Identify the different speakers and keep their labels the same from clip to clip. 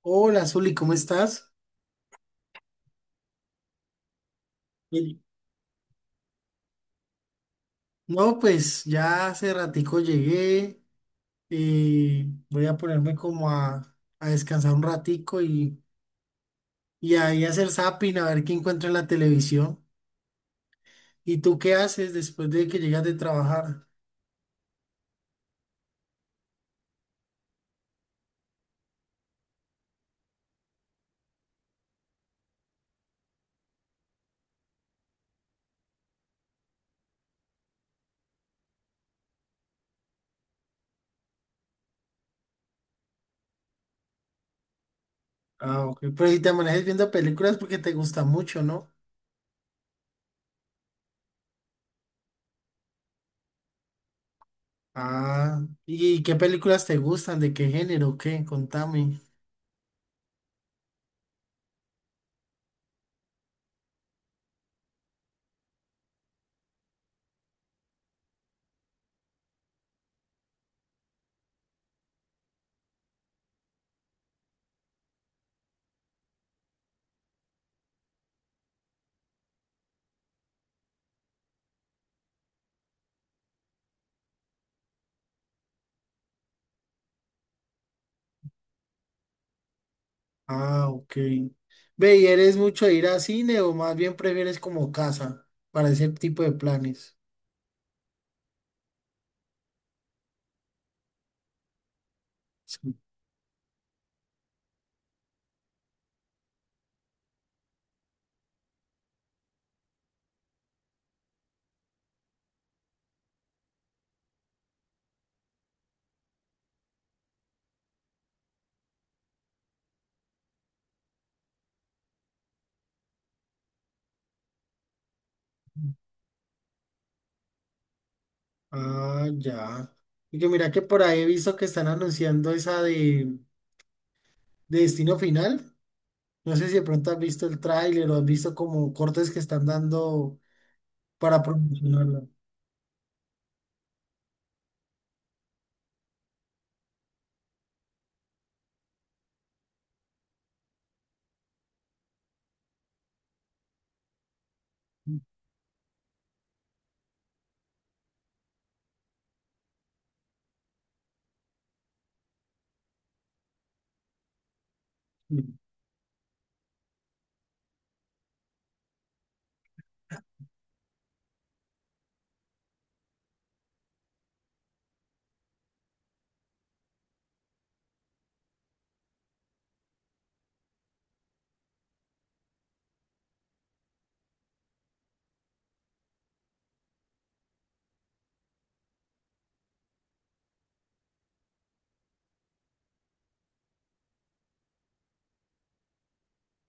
Speaker 1: Hola, Zuli, ¿cómo estás? Bien. No, pues ya hace ratico llegué, voy a ponerme como a descansar un ratico y ahí hacer zapping, a ver qué encuentro en la televisión. ¿Y tú qué haces después de que llegas de trabajar? Ah, ok. Pero si te manejas viendo películas porque te gusta mucho, ¿no? Ah, ¿y qué películas te gustan? ¿De qué género? ¿Qué? Contame. Ah, ok. Ve, ¿y eres mucho de ir a cine o más bien prefieres como casa para ese tipo de planes? Sí. Ah, ya. Y que mira que por ahí he visto que están anunciando esa de Destino Final. No sé si de pronto has visto el tráiler o has visto como cortes que están dando para promocionarla. Sí.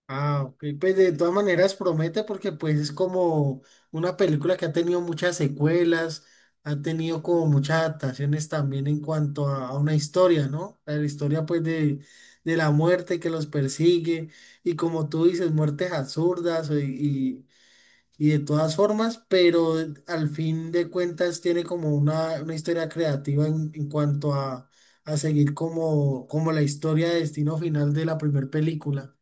Speaker 1: Ah, ok, pues de todas maneras promete porque pues es como una película que ha tenido muchas secuelas, ha tenido como muchas adaptaciones también en cuanto a una historia, ¿no? La historia pues de la muerte que los persigue y como tú dices, muertes absurdas y de todas formas, pero al fin de cuentas tiene como una historia creativa en cuanto a seguir como, como la historia de destino final de la primera película.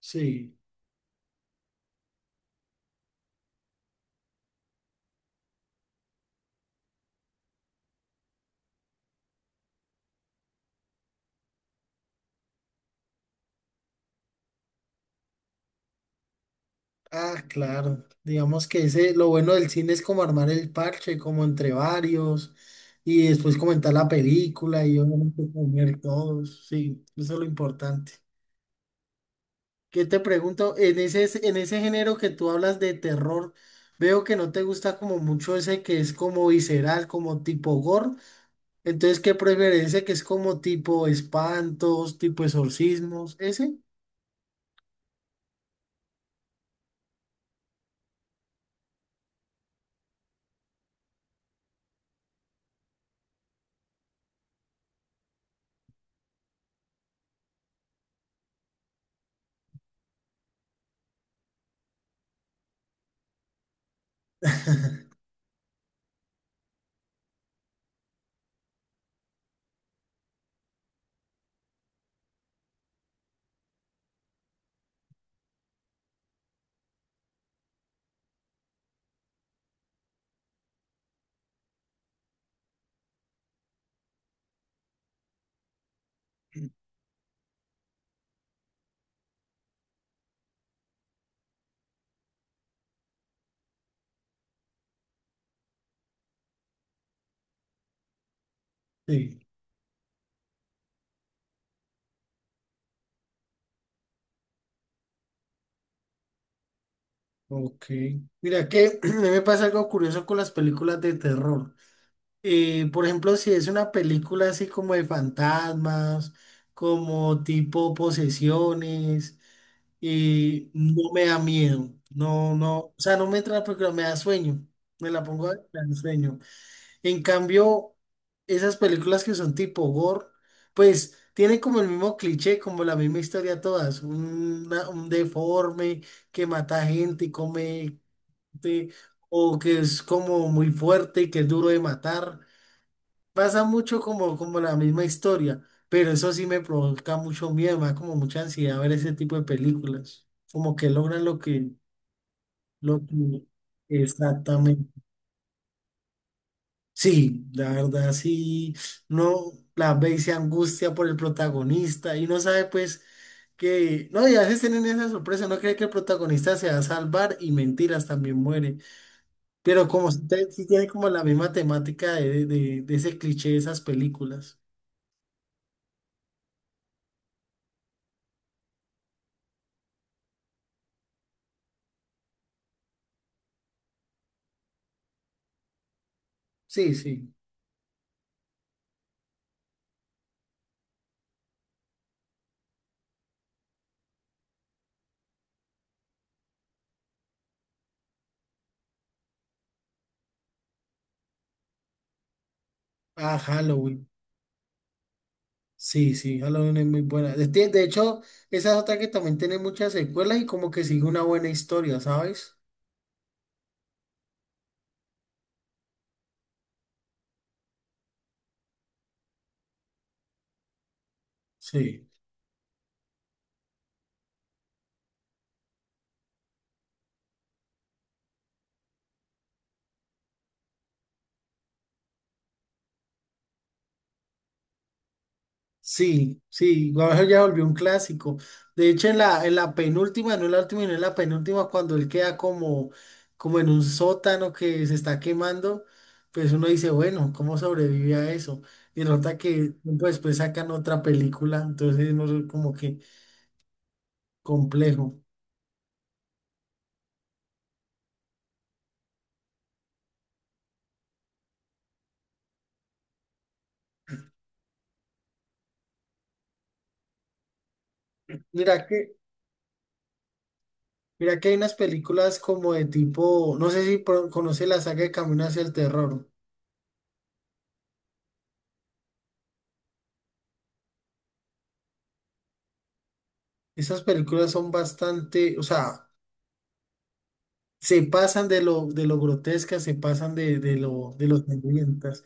Speaker 1: Sí. Ah, claro. Digamos que ese, lo bueno del cine es como armar el parche, como entre varios, y después comentar la película y obviamente comer todos. Sí, eso es lo importante. ¿Qué te pregunto? En ese género que tú hablas de terror, veo que no te gusta como mucho ese que es como visceral, como tipo gore. Entonces, ¿qué prefieres? ¿Ese que es como tipo espantos, tipo exorcismos? ¿Ese? Sí. Ok. Mira que a mí me pasa algo curioso con las películas de terror. Por ejemplo, si es una película así como de fantasmas, como tipo posesiones, no me da miedo. No, no, o sea, no me entra la película, me da sueño. Me la pongo a ver, me da sueño. En cambio, esas películas que son tipo gore, pues tienen como el mismo cliché, como la misma historia todas. Un deforme que mata gente y come sí, o que es como muy fuerte y que es duro de matar. Pasa mucho como, como la misma historia, pero eso sí me provoca mucho miedo, me da como mucha ansiedad ver ese tipo de películas. Como que logran lo que exactamente. Sí, la verdad sí, no la ve y se angustia por el protagonista y no sabe pues que, no, y a veces tienen esa sorpresa, no cree que el protagonista se va a salvar y mentiras también muere. Pero como usted sí tiene como la misma temática de ese cliché de esas películas. Sí, sí. Ah, Halloween. Sí, sí, Halloween es muy buena. De hecho, esa es otra que también tiene muchas secuelas y como que sigue una buena historia, ¿sabes? Sí. Sí, sí, bueno, ya volvió un clásico. De hecho, en la penúltima, no en la última, no en la penúltima, cuando él queda como, como en un sótano que se está quemando, pues uno dice, bueno, ¿cómo sobrevive a eso? Y nota que tiempo después sacan otra película, entonces no sé, como que complejo. Mira que, mira que hay unas películas como de tipo, no sé si conoce la saga de Camino hacia el Terror. Esas películas son bastante, o sea, se pasan de lo grotescas, se pasan de lo, de los sangrientas,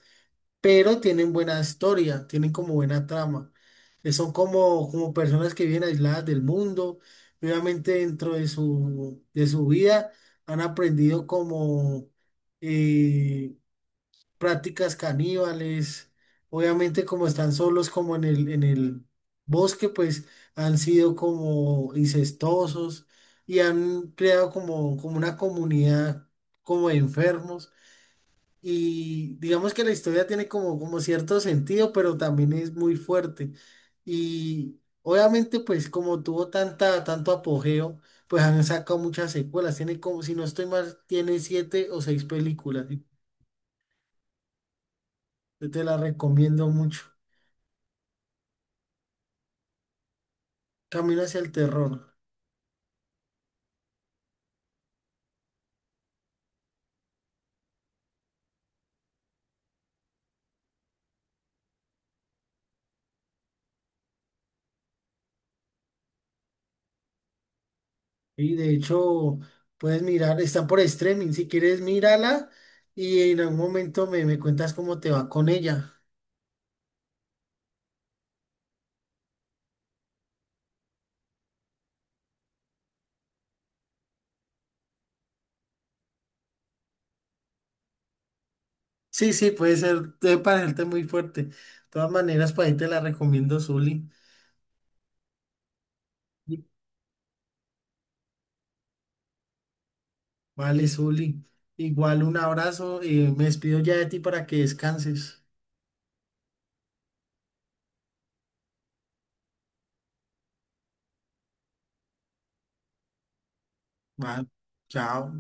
Speaker 1: pero tienen buena historia, tienen como buena trama. Son como, como personas que viven aisladas del mundo, y obviamente dentro de su vida han aprendido como, eh, prácticas caníbales. Obviamente como están solos como en el bosque, pues han sido como incestuosos y han creado como, como una comunidad como de enfermos. Y digamos que la historia tiene como, como cierto sentido, pero también es muy fuerte. Y obviamente pues como tuvo tanta, tanto apogeo, pues han sacado muchas secuelas. Tiene como, si no estoy mal, tiene siete o seis películas. Yo te la recomiendo mucho. Camino hacia el terror. Y de hecho, puedes mirar, está por streaming. Si quieres, mírala y en algún momento me, me cuentas cómo te va con ella. Sí, sí, puede ser, debe parecerte muy fuerte. De todas maneras, para ahí te la recomiendo, Zuli. Vale, Zuli. Igual un abrazo y me despido ya de ti para que descanses. Vale, chao.